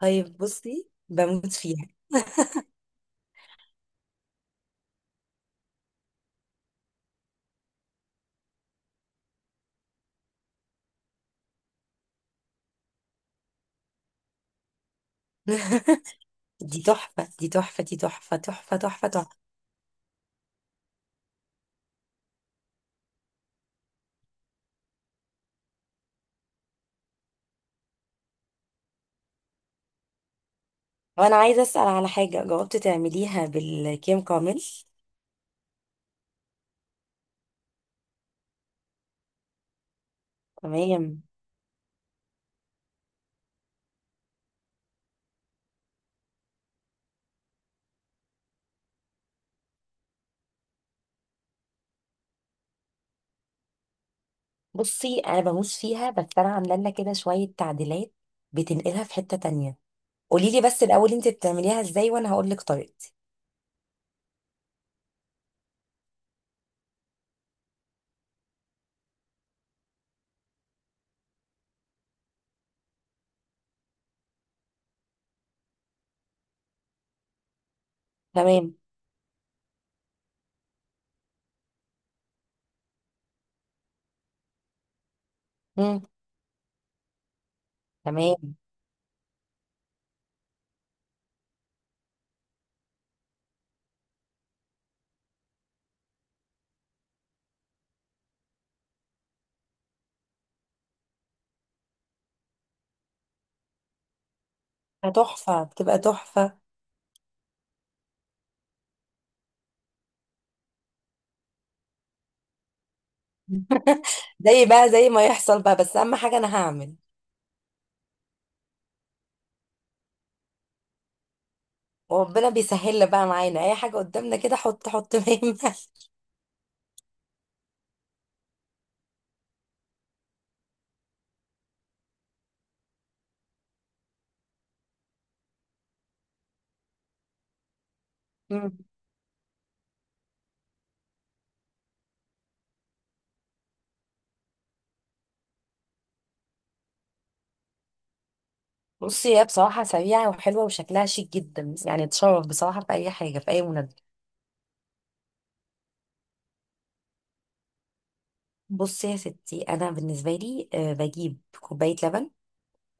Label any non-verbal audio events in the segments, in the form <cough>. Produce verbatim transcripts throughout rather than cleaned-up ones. طيب بصي بموت فيها. <laughs> دي تحفة، دي تحفة، دي تحفة، تحفة، تحفة، تحفة. وانا عايزة اسأل على حاجة، جاوبت تعمليها بالكيم كامل؟ تمام. بصي، انا بموت فيها، بس انا عاملة لنا كده شوية تعديلات، بتنقلها في حتة تانية. قولي لي بس الاول انت بتعمليها ازاي، وانا هقول لك طريقتي. تمام. مم. تمام. بتبقى تحفة، بتبقى تحفة. زي بقى زي ما يحصل بقى، بس اهم حاجة انا هعمل. وربنا بيسهل بقى معانا اي حاجة قدامنا كده، حط حط مهمة. مم. بصي، هي بصراحة سريعة وحلوة وشكلها شيك جدا، يعني تشرف بصراحة في أي حاجة، في أي مناسبة. بصي يا ستي، أنا بالنسبة لي آه، بجيب كوباية لبن،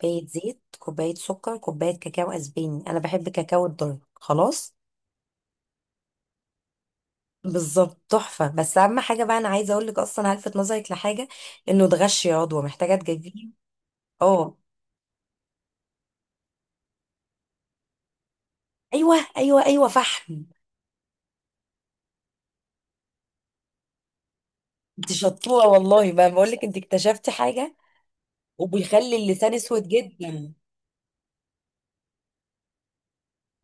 كوباية زيت، كوباية سكر، كوباية كاكاو أسباني. أنا بحب كاكاو الدارك، خلاص. بالظبط، تحفة. بس أهم حاجة بقى، أنا عايزة أقول لك أصلا هلفت نظرك لحاجة، إنه ده غش يا عضوة، محتاجة تجيبيه. أه، أيوه أيوه أيوه، فحم. أنت شطورة والله، بقى بقول لك، أنت اكتشفتي حاجة. وبيخلي اللسان أسود جدا.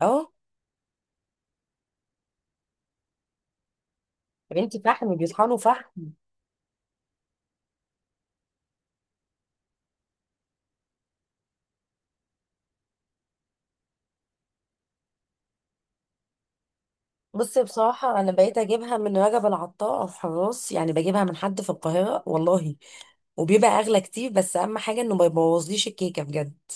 أه. يا بنتي، فحم، بيطحنوا فحم. بصي، بصراحة أنا بقيت أجيبها من رجب العطار أو حراس، يعني بجيبها من حد في القاهرة والله، وبيبقى أغلى كتير، بس أهم حاجة إنه ما يبوظليش الكيكة بجد.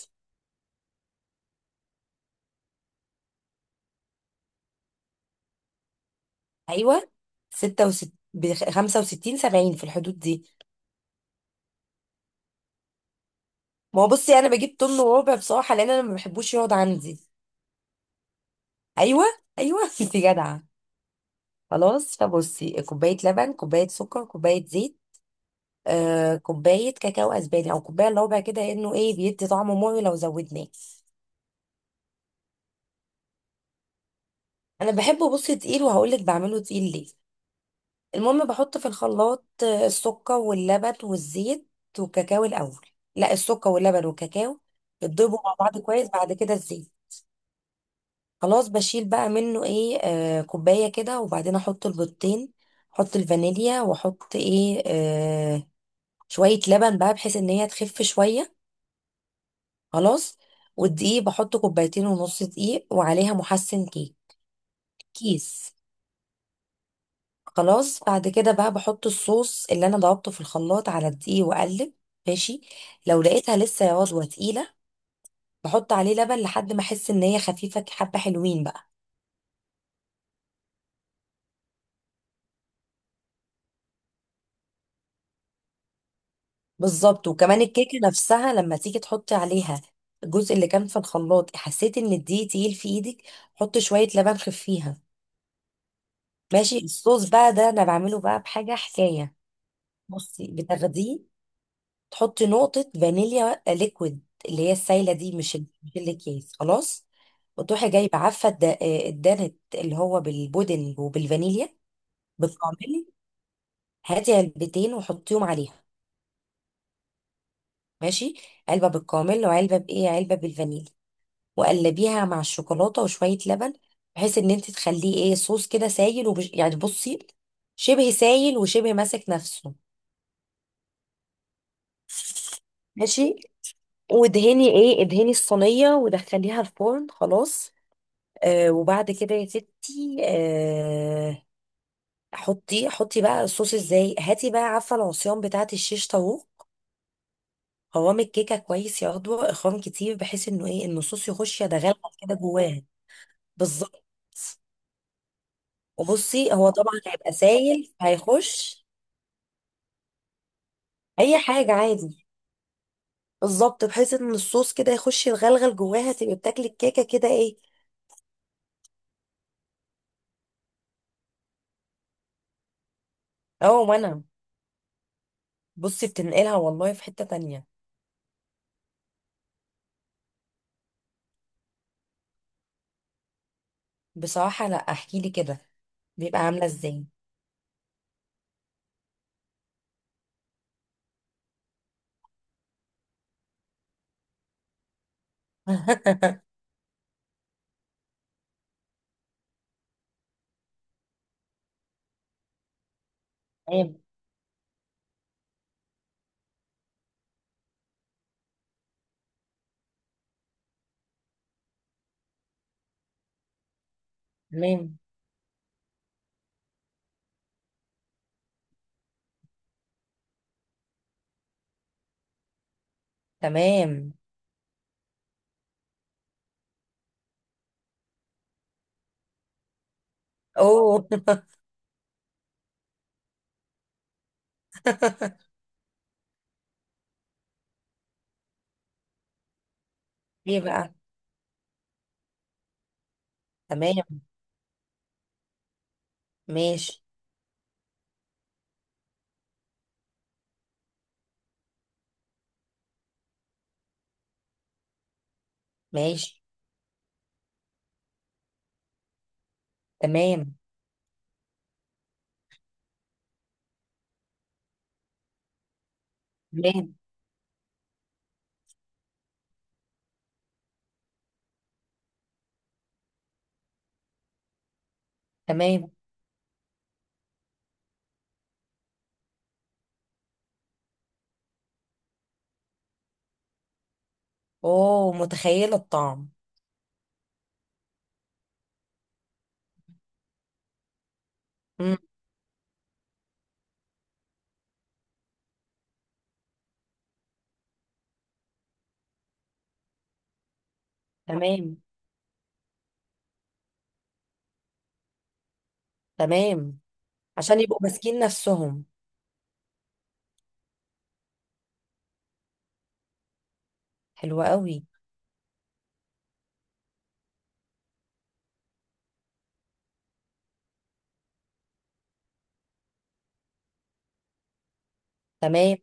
أيوة. ستة وست بخمسة وستين، سبعين، في الحدود دي. ما هو بصي، أنا بجيب طن وربع بصراحة، لأن أنا ما بحبوش يقعد عندي. أيوة، أيوة. <laughs> أنت جدعة. خلاص، فبصي، كوباية لبن، كوباية سكر، كوباية زيت، آه كوباية كاكاو أسباني، أو كوباية إلا ربع كده، إنه إيه بيدي طعم مر لو زودناه. انا بحبه بصي تقيل، وهقولك بعمله تقيل ليه. المهم، بحط في الخلاط آه، السكر واللبن والزيت والكاكاو الاول. لا، السكر واللبن والكاكاو، بتضربوا مع بعض كويس، بعد كده الزيت. خلاص، بشيل بقى منه ايه آه كوبايه كده، وبعدين احط البيضتين، احط الفانيليا، واحط ايه آه شويه لبن بقى، بحيث ان هي تخف شويه، خلاص. والدقيق بحط كوبايتين ونص دقيق، وعليها محسن كيك، كيس. خلاص، بعد كده بقى بحط الصوص اللي انا ضربته في الخلاط على الدقيق، واقلب. ماشي. لو لقيتها لسه يا عضوة تقيلة، بحط عليه لبن لحد ما احس ان هي خفيفة حبة، حلوين بقى. بالظبط، وكمان الكيكة نفسها لما تيجي تحطي عليها، الجزء اللي كان في الخلاط، حسيت ان الدقيق تقيل في ايدك، حط شوية لبن خفيها. ماشي. الصوص بقى ده انا بعمله بقى بحاجة حكاية. بصي، بتاخديه، تحطي نقطة فانيليا ليكويد، اللي هي السايلة دي، مش ال- مش الأكياس، خلاص. وتروحي جايبة عفة الد- آه، الدانت اللي هو بالبودنج وبالفانيليا بالكامل. هاتي علبتين وحطيهم عليها. ماشي. علبة بالكامل، وعلبة بإيه، علبة بالفانيليا. وقلبيها مع الشوكولاتة وشوية لبن، بحيث ان انت تخليه ايه صوص كده سايل، ومش يعني بصي، شبه سايل وشبه ماسك نفسه. ماشي. وادهني ايه ادهني الصينية، ودخليها الفرن، خلاص. آه وبعد كده يا ستي، آه حطي حطي بقى الصوص ازاي، هاتي بقى عارفه العصيان بتاعه الشيش طاووق، قوام الكيكه كويس يا عضوة اخوان كتير، بحيث انه ايه ان الصوص يخش يتغلغل كده جواها. بالظبط، وبصي هو طبعا هيبقى سايل، هيخش. اي حاجه عادي. بالظبط، بحيث ان الصوص كده يخش يتغلغل جواها، تبقى بتاكلي الكيكه كده ايه. اه. وانا بصي، بتنقلها والله في حته تانية. بصراحه لا، احكي لي كده. بيبقى عامله ازاي؟ <laughs> تمام، تمام، تمام. اوه. <laughs> ايه بقى؟ تمام. ماشي، ماشي. تمام، تمام، تمام. اوه، متخيلة الطعم. مم. تمام، تمام، عشان يبقوا ماسكين نفسهم. حلوة قوي. تمام.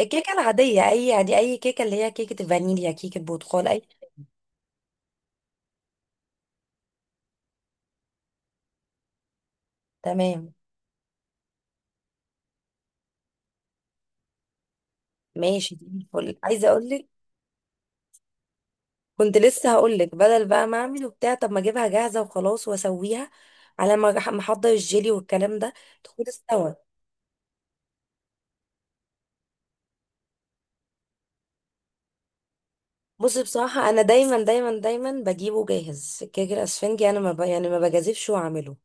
الكيكة العادية اي عادي، اي كيكة، اللي هي كيكة الفانيليا، كيكة برتقال، اي. تمام. ماشي، دي الفل عايزة اقول لك، كنت لسه هقولك بدل بقى ما اعمل وبتاع، طب ما اجيبها جاهزه وخلاص واسويها، على ما أح- ما احضر الجيلي والكلام ده، تكون استوى. بصي، بصراحه انا دايما دايما دايما بجيبه جاهز الكيك الاسفنجي، انا ما ب... يعني ما بجازفش واعمله.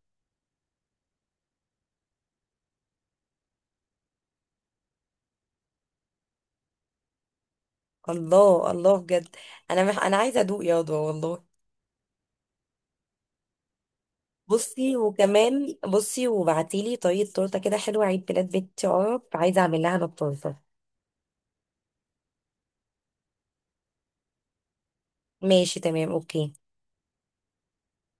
الله الله، بجد، انا مح... انا عايزه ادوق يا رضوى والله. بصي، وكمان بصي، وبعتيلي طريقه تورته كده حلوه، عيد ميلاد بنتي عرب، عايزه اعمل لها انا التورته. ماشي، تمام، اوكي.